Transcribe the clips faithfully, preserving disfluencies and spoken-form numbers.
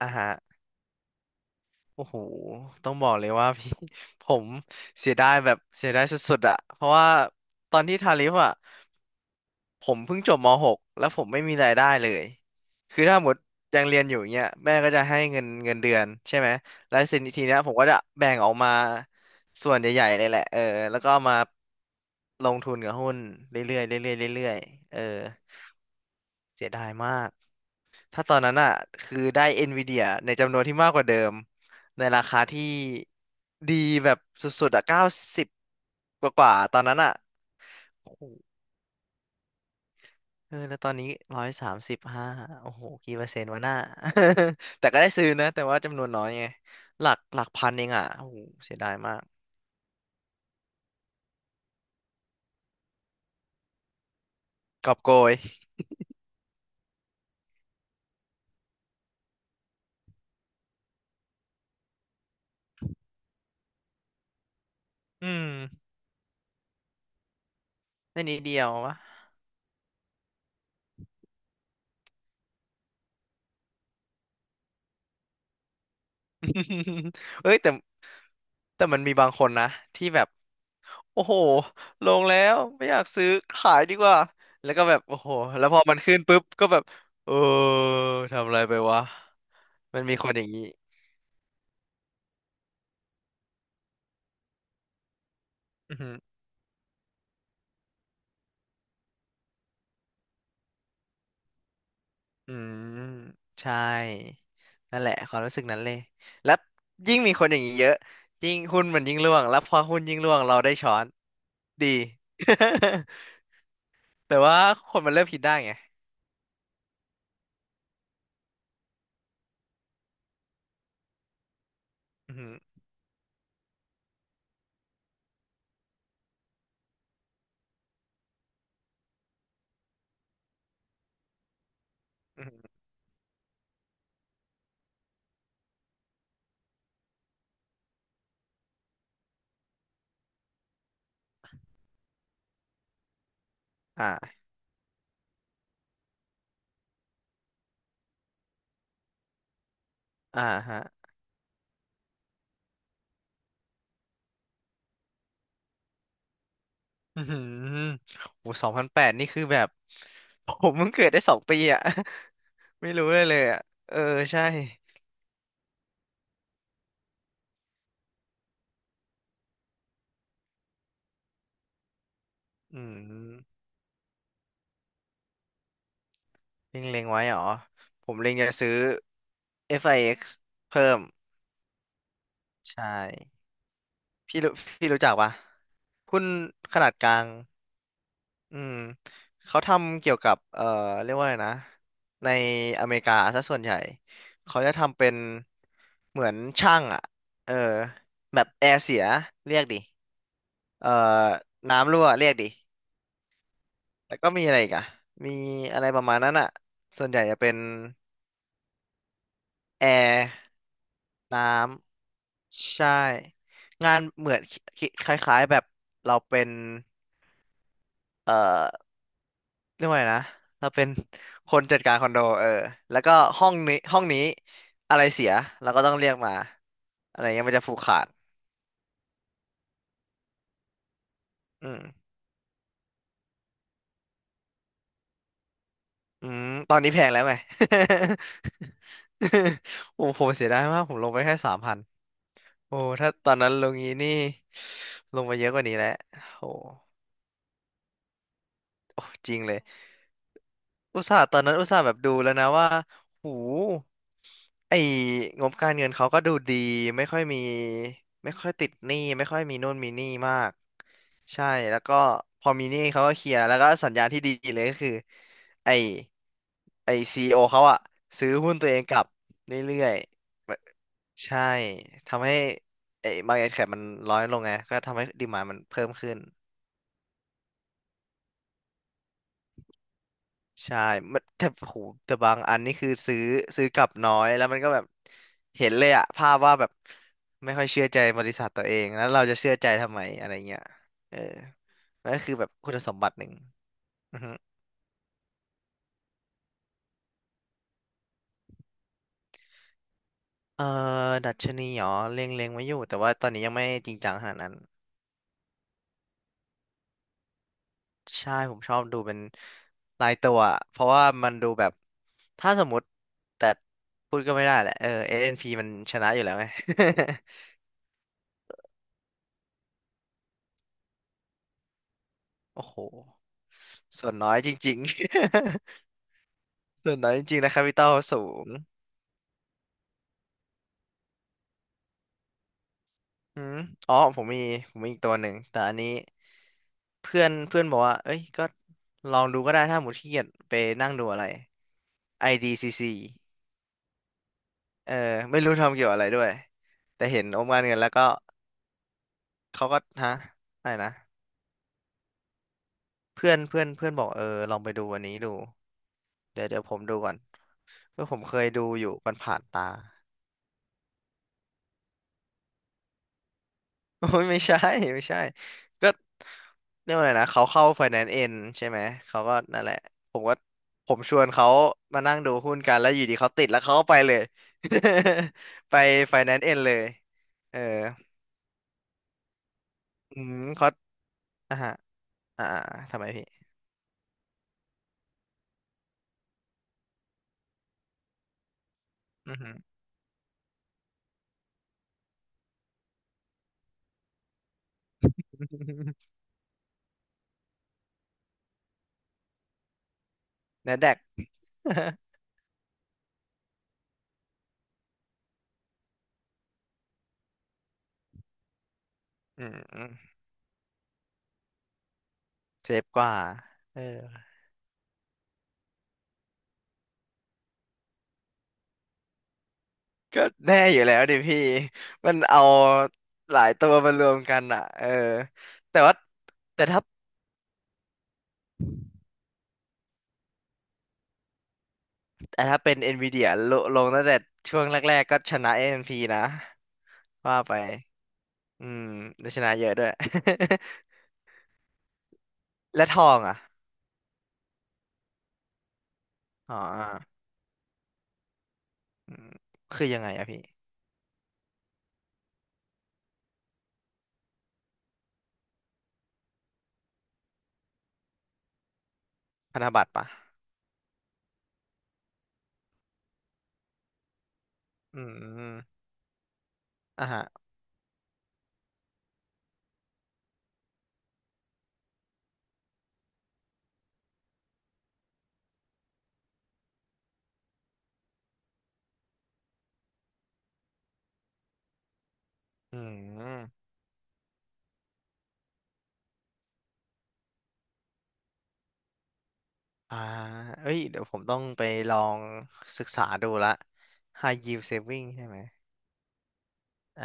อ่ะฮะโอ้โหต้องบอกเลยว่าพี่ ผมเสียดายแบบเสียดายสุดๆอะเพราะว่าตอนที่ทาริฟอะผมเพิ่งจบม .หก แล้วผมไม่มีรายได้เลยคือถ้าหมดยังเรียนอยู่เงี้ยแม่ก็จะให้เงินเงินเดือนใช่ไหมแล้วสิทีเนี้ยผมก็จะแบ่งออกมาส่วนใหญ่ๆเลยแหละเออแล้วก็เอามาลงทุนกับหุ้นเรื่อยๆเรื่อยๆเรื่อยๆเออเสียดายมาก ถ้าตอนนั้นอ่ะคือได้ NVIDIA ในจำนวนที่มากกว่าเดิมในราคาที่ดีแบบสุดๆอ่ะเก้าสิบกว่าๆตอนนั้นอ่ะโอ้โหเออแล้วตอนนี้ร้อยสามสิบห้าโอ้โหกี่เปอร์เซ็นต์วะหน้า แต่ก็ได้ซื้อนะแต่ว่าจำนวนน้อยไงหลักหลักพันเองอ่ะโอ้โหเสียดายมากกอบโกยอืมได้นิดเดียววะ เอ้ยแต่แต่มันมีบางคนนะที่แบบ โอ้โหลงแล้วไม่อยากซื้อขายดีกว่า แล้วก็แบบโอ้โหแล้วพอมันขึ้นปุ๊บก็แบบเออทำอะไรไปวะมันมีคนอย่างนี้อือหืออืมใช่นั่นแหละความรู้สึกนั้นเลย แล้วยิ่งมีคนอย่างนี้เยอะยิ่งหุ้นมันยิ่งร่วง แล้วพอหุ้นยิ่งร่วงเราได้ช้อนดี แต่ว่าคนมันเริ่มคิดได้ไงอือหืออือหืออ่าอ่าฮะ อือหือโอ้สองพันแปดนี่คือแบบ ผมเพิ่งเกิดได้สองปีอ่ะ ไม่รู้เลยเลยอ่ะเออใช่อืมเล็งเล็งไว้เหรอผมเล็งจะซื้อ เอฟ ไอ เอ็กซ์ เอ็กซ์เพิ่ม ใช่ พี่รู้พี่รู้จักปะหุ้นขนาดกลาง อืมเขาทำเกี่ยวกับ เอ่อเรียกว่าอะไรนะ ในอเมริกาซะส่วนใหญ่ เขาจะทำเป็นเหมือนช่างอ่ะเออ แบบแอร์เสียเรียกดิ เอ่อน้ำรั่วเรียกดิแล้วก็มีอะไรอีกอะมีอะไรประมาณนั้นอะส่วนใหญ่จะเป็นแอร์น้ำใช่งานเหมือนคิคล้ายๆแบบเราเป็นเอ่อเรียกว่าไงนะเราเป็นคนจัดการคอนโดเออแล้วก็ห้องนี้ห้องนี้อะไรเสียเราก็ต้องเรียกมาอะไรเงี้ยมันจะผูกขาดอืมอืมตอนนี้แพงแล้วไหม โอ้โหผมเสียดายมากผมลงไปแค่สามพัน โอ้ถ้าตอนนั้นลงงี้นี่ลงไปเยอะกว่านี้แหละโอ้โอ้จริงเลย อุตส่าห์ตอนนั้นอุตส่าห์แบบดูแล้วนะว่าหูไอ้งบการเงินเขาก็ดูดี ไม่ค่อยมี ไม่ค่อยติดหนี้ไม่ค่อยมีนู่นมีนี่มาก ใช่ แล้วก็พอมีหนี้เขาก็เคลียร์แล้วก็สัญญาณที่ดีเลยก็คือ ไอ้ไอ้ซีอีโอเขาอะซื้อหุ้นตัวเองกลับเรื่อยๆ ใช่ทำให้ไอ้บาง์อกแคปมันน้อยลงไงก็ทำให้ดีมานมันเพิ่มขึ้นใช่มันแต่โหแต่บางอันนี่คือซื้อซื้อกลับน้อยแล้วมันก็แบบเห็นเลยอะภาพว่าแบบไม่ค่อยเชื่อใจบริษัทตัวเองแล้วเราจะเชื่อใจทำไมอะไรเงี้ยเออมันก็คือแบบคุณสมบัติหนึ่งอือฮึเออดัชนีเหรอเล็งๆไว้อยู่แต่ว่าตอนนี้ยังไม่จริงจังขนาดนั้น ใช่ผมชอบดูเป็นรายตัวอะเพราะว่ามันดูแบบถ้าสมมติแต่พูดก็ไม่ได้แหละเออ เอส เอ็น พี มันชนะอยู่แล้วไง โอ้โหส่วนน้อยจริงๆ ส่วนน้อยจริงๆนะแคปิตอลสูงอืมอ๋อผมมีผมมีอีกตัวหนึ่งแต่อันนี้เพื่อนเพื่อนบอกว่าเอ้ยก็ลองดูก็ได้ถ้าหมดขี้เกียจไปนั่งดูอะไร ไอ ดี ซี ซี เออไม่รู้ทำเกี่ยวอะไรด้วยแต่เห็นอมการเงินแล้วก็ เขาก็ฮะอะไรนะเพื่อนเพื่อนเพื่อนบอกเออลองไปดูอันนี้ดูเดี๋ยวเดี๋ยวผมดูก่อนเพื่อผมเคยดูอยู่มันผ่านตา โอ้ยไม่ใช่ไม่ใช่ก็เรียกว่าอะไรนะเขาเข้า f i แ a นซ์เอ็นใช่ไหมเขาก็นั่นแหละผมก็ผมชวนเขามานั่งดูหุ้นกันแล้วอยู่ดีเขาติดแล้วเขาก็ไปเลย ไป f i แ a นซ์เอ็นเลยเอออืมเขาอ่ะฮะอ่าทำไมพี่อือหือ แนดแดก อืมเซฟกว่าเออ ก็แน่อยู่แล้วดิพี่มันเอาหลายตัวมารวมกันอ่ะเออแต่ว่าแต่ถ้าแต่ถ้าเป็น NVIDIA ลงลงตั้งแต่ช่วงแรกๆก็ชนะ เอ เอ็ม ดี นพีนะว่าไปอืมได้ชนะเยอะด้วย และทองอ่ะอ๋ออืมคือยังไงอะพี่พันธบัตรปะอืมอ่ะฮะอืมอ่าเอ้ยเดี๋ยวผมต้องไปลองศึกษาดูละ High Yield Saving ใช่ไหมอ่า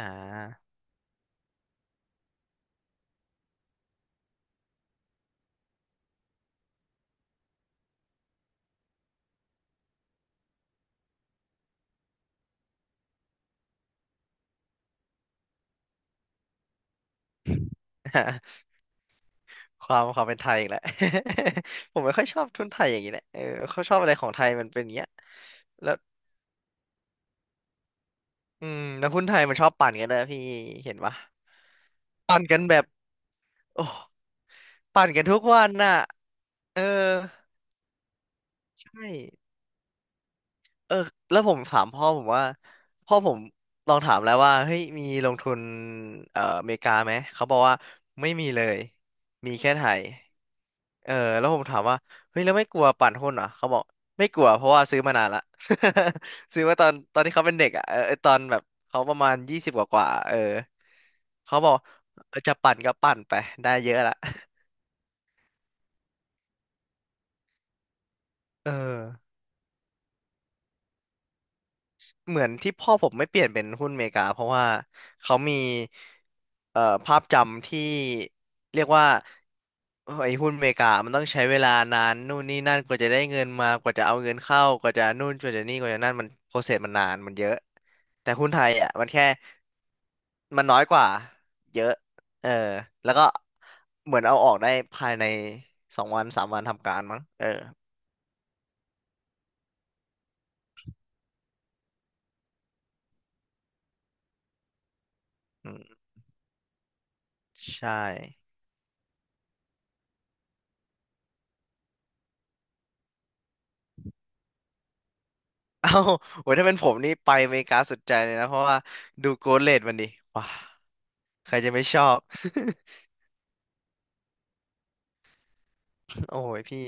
ความความเป็นไทยอีกแล้ว ผมไม่ค่อยชอบทุนไทยอย่างนี้แหละเออเขาชอบอะไรของไทยมันเป็นอย่างเงี้ยแล้วอืมแล้วหุ้นไทยมันชอบปั่นกันนะพี่เห็นปะปั่นกันแบบโอ้ปั่นกันทุกวันน่ะเออใช่ เออแล้วผมถามพ่อผมว่าพ่อผมลองถามแล้วว่าเฮ้ยมีลงทุนเอ่ออเมริกาไหมเขาบอกว่าไม่มีเลยมีแค่ไทยเออแล้วผมถามว่าเฮ้ยแล้วไม่กลัวปั่นหุ้นเหรอเขาบอกไม่กลัวเพราะว่าซื้อมานานละ ซื้อมาตอนตอนที่เขาเป็นเด็กอ่ะเออเออตอนแบบเขาประมาณยี่สิบกว่ากว่าเออเขาบอกจะปั่นก็ปั่นไปได้เยอะละ เออ เหมือนที่พ่อผมไม่เปลี่ยนเป็นหุ้นอเมริกาเพราะว่าเขามีเอ่อภาพจำที่เรียกว่าเอ่อไอ้หุ้นอเมริกามันต้องใช้เวลานานนู่นนี่นั่นกว่าจะได้เงินมากว่าจะเอาเงินเข้ากว่าจะนู่นกว่าจะนี่กว่าจะนั่นมันโปรเซสมันนานมันเยอะแต่หุ้นไทยอ่ะมันแค่มันน้อยกว่าเยอะเออแล้วก็เหมือนเอาออกได้ภายในสองวันสามวันทำการมั้งเอออืมใช่ เอ้าโหถ้าเป็นผมนี่ไปอเมริกาสุดใจเลยนะเพราะว่าดูโกลเลดมันดิว้าใครจะไม่ชอบ โอ้ยพี่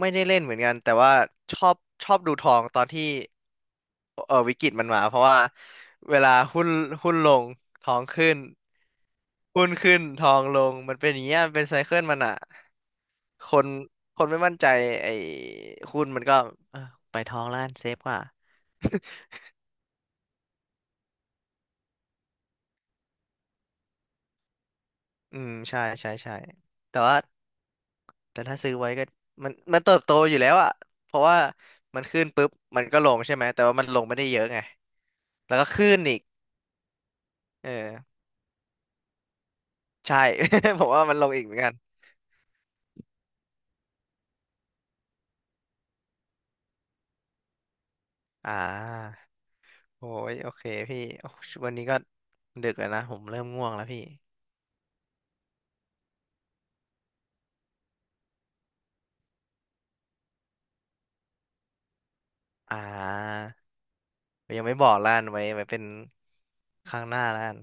ไม่ได้เล่นเหมือนกันแต่ว่าชอบชอบดูทองตอนที่เออวิกฤตมันมาเพราะว่าเวลาหุ้นหุ้นลงทองขึ้นหุ้นขึ้นทองลงมันเป็นอย่างเงี้ยมันเป็นไซเคิลมันอ่ะคนคนไม่มั่นใจไอ้หุ้นมันก็เออไปทองแล้วกันเซฟกว่า อืมใช่ใช่ใช่แต่ว่า แต่ถ้าซื้อไว้ก็มันมันเติบโตอยู่แล้วอะเพราะว่ามันขึ้นปุ๊บมันก็ลงใช่ไหมแต่ว่ามันลงไม่ได้เยอะไงแล้วก็ขึ้นอีกเออใช่ ผมว่ามันลงอีกเหมือนกันอ่าโอ้ยโอเคพี่โอ้ยวันนี้ก็ดึกแล้วนะผมเริ่มง่วงแล้วพี่อ่ายังไม่บอกล้านไว้ไว้เป็นครั้งหน้าล้าน